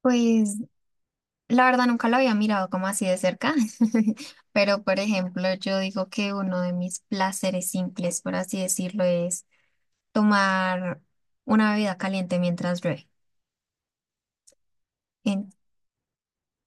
Pues la verdad nunca lo había mirado como así de cerca, pero por ejemplo yo digo que uno de mis placeres simples, por así decirlo, es tomar una bebida caliente mientras llueve. En-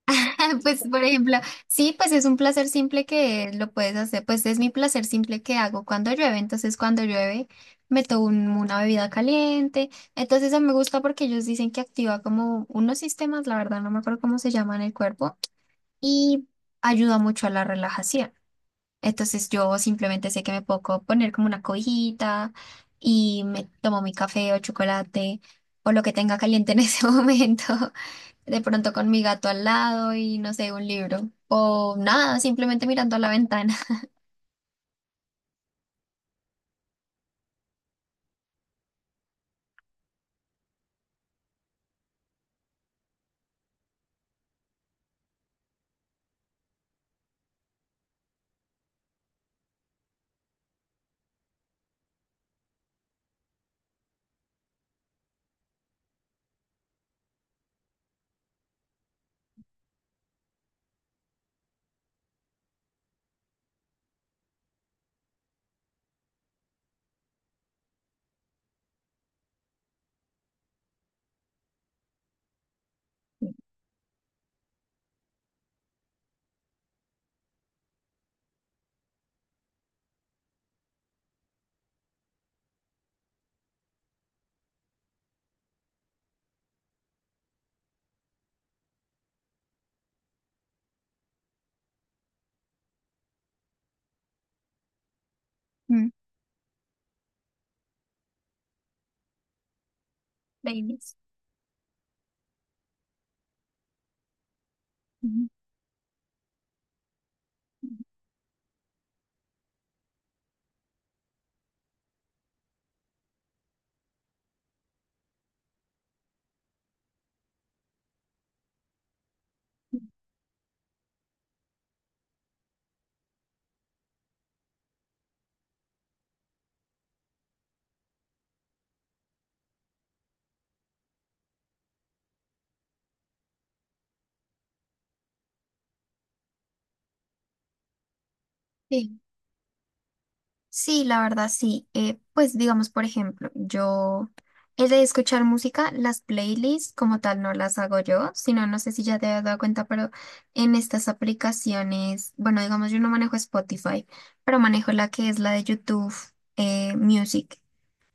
Pues por ejemplo, sí, pues es un placer simple que lo puedes hacer, pues es mi placer simple que hago cuando llueve, entonces cuando llueve me tomo una bebida caliente, entonces eso me gusta porque ellos dicen que activa como unos sistemas, la verdad no me acuerdo cómo se llaman en el cuerpo y ayuda mucho a la relajación. Entonces yo simplemente sé que me puedo poner como una cobijita y me tomo mi café o chocolate o lo que tenga caliente en ese momento, de pronto con mi gato al lado y no sé, un libro o nada, simplemente mirando a la ventana. Mm. Babies. Ujú. Sí. Sí, la verdad sí. Pues digamos, por ejemplo, yo he de escuchar música, las playlists como tal no las hago yo, sino no sé si ya te has dado cuenta, pero en estas aplicaciones, bueno, digamos, yo no manejo Spotify, pero manejo la que es la de YouTube Music.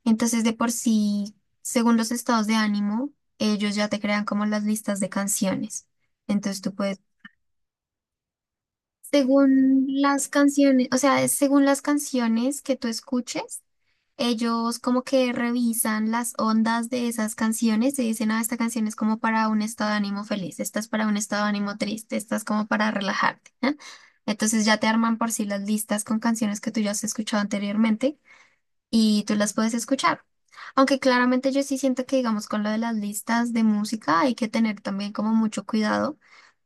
Entonces, de por sí, según los estados de ánimo, ellos ya te crean como las listas de canciones. Entonces tú puedes, según las canciones, o sea, según las canciones que tú escuches. Ellos como que revisan las ondas de esas canciones y dicen, ah, esta canción es como para un estado de ánimo feliz, esta es para un estado de ánimo triste, esta es como para relajarte, ¿eh? Entonces ya te arman por sí las listas con canciones que tú ya has escuchado anteriormente y tú las puedes escuchar. Aunque claramente yo sí siento que, digamos, con lo de las listas de música hay que tener también como mucho cuidado,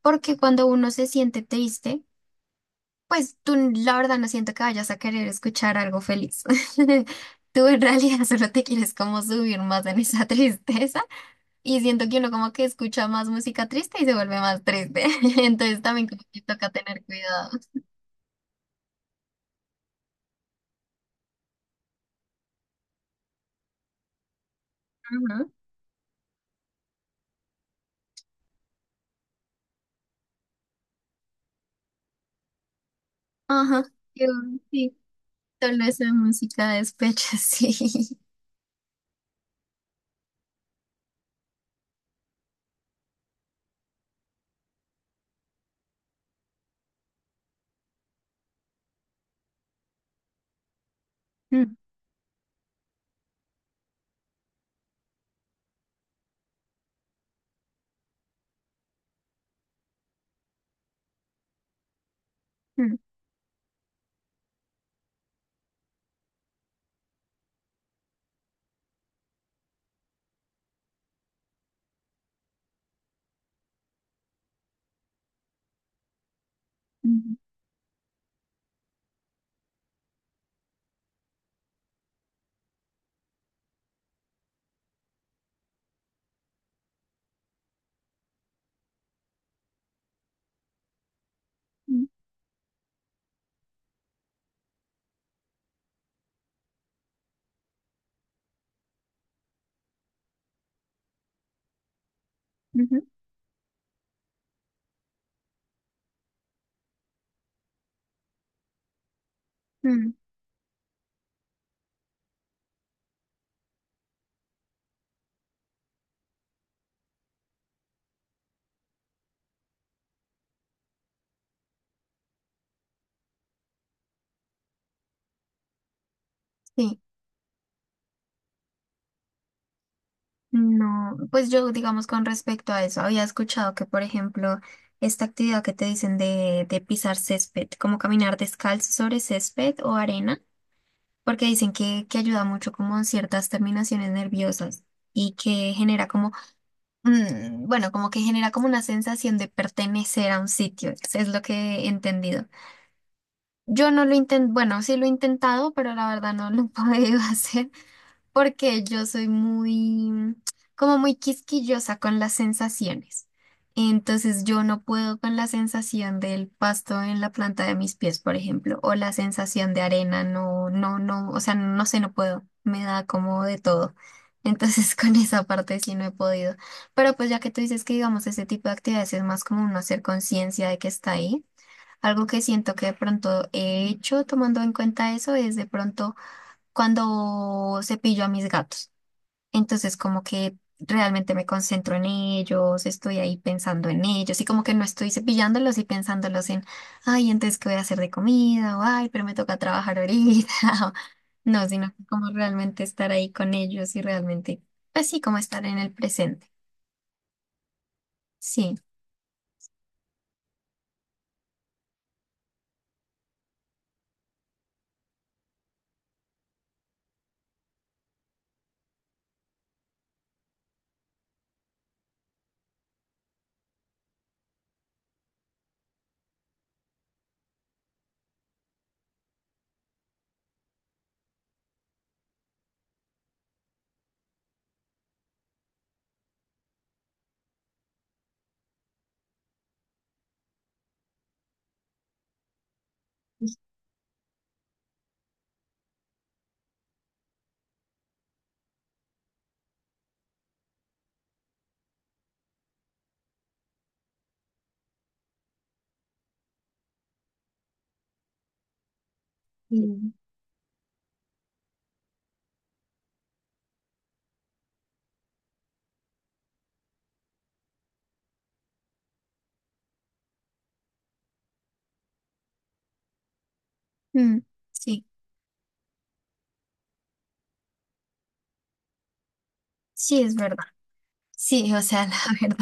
porque cuando uno se siente triste, pues tú, la verdad, no siento que vayas a querer escuchar algo feliz. Tú en realidad solo te quieres como subir más en esa tristeza y siento que uno como que escucha más música triste y se vuelve más triste. Entonces también como que toca tener cuidado. Ajá. Ajá. Yo, sí, solo esa música de despecho, sí. Mm, mm, mm, mm, mm, mm, mm. Sí. No, pues yo digamos con respecto a eso, había escuchado que, por ejemplo, esta actividad que te dicen de pisar césped, como caminar descalzo sobre césped o arena, porque dicen que ayuda mucho como en ciertas terminaciones nerviosas y que genera como, bueno, como que genera como una sensación de pertenecer a un sitio, eso es lo que he entendido. Yo no lo intento, bueno, sí lo he intentado, pero la verdad no lo he podido hacer porque yo soy muy, como muy quisquillosa con las sensaciones. Entonces yo no puedo con la sensación del pasto en la planta de mis pies, por ejemplo, o la sensación de arena, no, no, no, o sea, no sé, no puedo, me da como de todo. Entonces con esa parte sí no he podido. Pero pues ya que tú dices que digamos ese tipo de actividades es más como uno hacer conciencia de que está ahí, algo que siento que de pronto he hecho tomando en cuenta eso es de pronto cuando cepillo a mis gatos. Entonces, como que realmente me concentro en ellos, estoy ahí pensando en ellos y como que no estoy cepillándolos y pensándolos en, ay, entonces, ¿qué voy a hacer de comida? O, ay, pero me toca trabajar ahorita. o, No, sino que como realmente estar ahí con ellos y realmente, pues sí, como estar en el presente. Sí. Mm. Mm, sí, sí, es verdad. Sí, o sea, la verdad,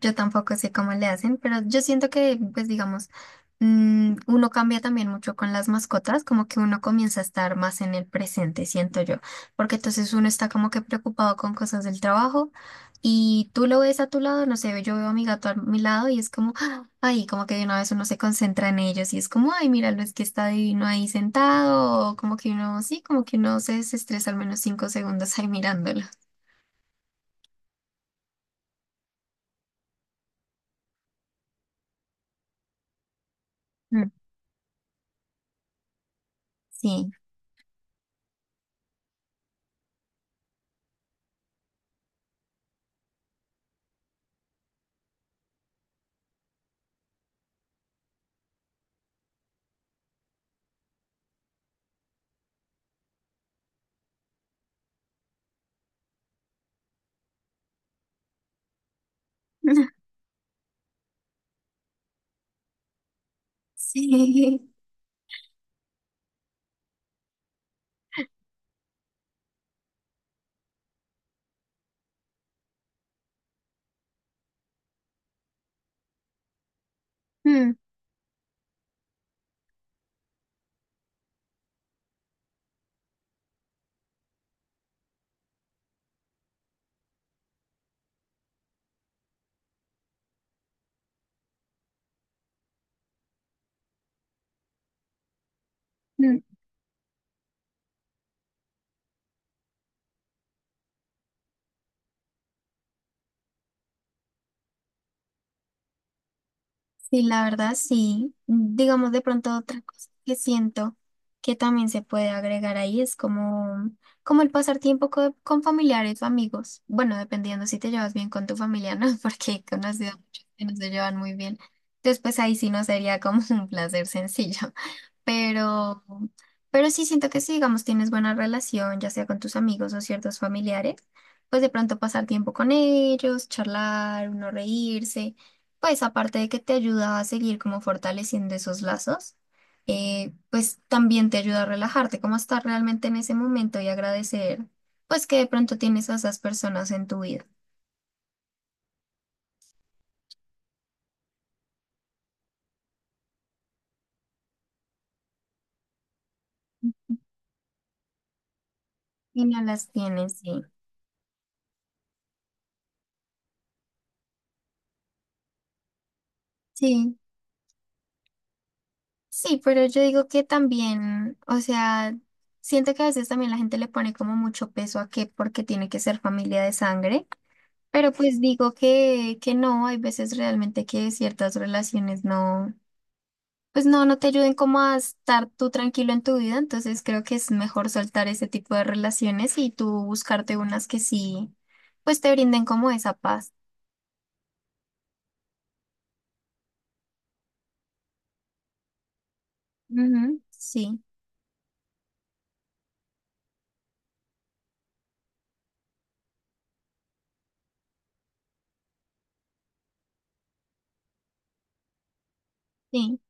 yo tampoco sé cómo le hacen, pero yo siento que, pues digamos, uno cambia también mucho con las mascotas, como que uno comienza a estar más en el presente, siento yo, porque entonces uno está como que preocupado con cosas del trabajo y tú lo ves a tu lado, no sé, yo veo a mi gato a mi lado y es como, ¡ah! Ay, como que de una vez uno se concentra en ellos y es como, ay, míralo, es que está divino ahí sentado, o como que uno, sí, como que uno se desestresa al menos 5 segundos ahí mirándolo. Mm. Sí. Sí. Mm, mm. Sí, la verdad, sí. Digamos de pronto otra cosa que siento que también se puede agregar ahí es como, como el pasar tiempo con, familiares o amigos. Bueno, dependiendo si te llevas bien con tu familia, ¿no? Porque he conocido muchos que no se llevan muy bien. Entonces pues ahí sí no sería como un placer sencillo. Pero, pero sí siento que si, digamos, tienes buena relación, ya sea con tus amigos o ciertos familiares, pues de pronto pasar tiempo con ellos, charlar, uno reírse. Pues aparte de que te ayuda a seguir como fortaleciendo esos lazos, pues también te ayuda a relajarte, como a estar realmente en ese momento y agradecer, pues que de pronto tienes a esas personas en tu vida y no las tienes, sí. Sí, sí, pero yo digo que también, o sea, siento que a veces también la gente le pone como mucho peso a que porque tiene que ser familia de sangre, pero pues digo que no, hay veces realmente que ciertas relaciones no. Pues no, no te ayuden como a estar tú tranquilo en tu vida, entonces creo que es mejor soltar ese tipo de relaciones y tú buscarte unas que sí, pues te brinden como esa paz. Ujú, sí, sí,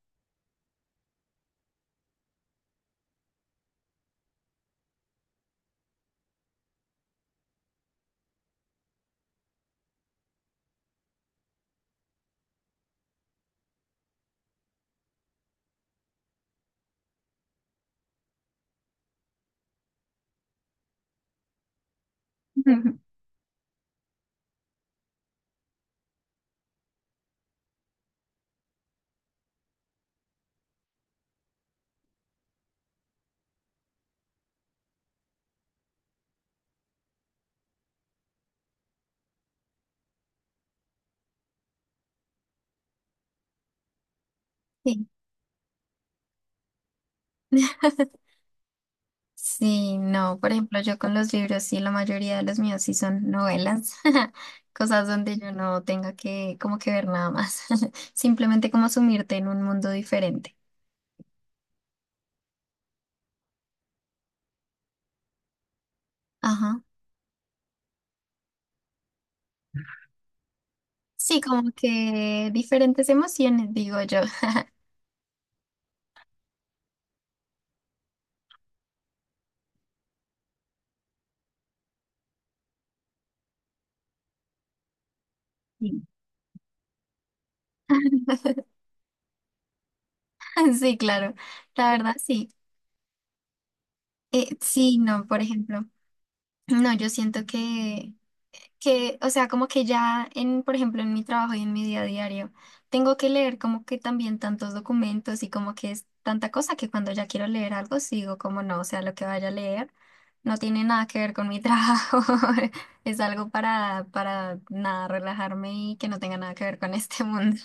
sí. Sí, no, por ejemplo, yo con los libros, sí, la mayoría de los míos sí son novelas, cosas donde yo no tenga que como que ver nada más, simplemente como sumirte en un mundo diferente. Ajá. Sí, como que diferentes emociones, digo yo. Sí. Sí, claro, la verdad sí. Sí, no, por ejemplo, no, yo siento que, o sea, como que ya en, por ejemplo, en mi trabajo y en mi día a diario, tengo que leer como que también tantos documentos y como que es tanta cosa que cuando ya quiero leer algo sigo como no, o sea, lo que vaya a leer no tiene nada que ver con mi trabajo, es algo para nada, relajarme y que no tenga nada que ver con este mundo.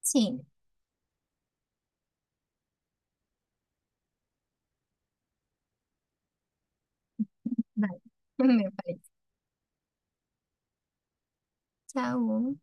Sí, vale, me parece. Chao.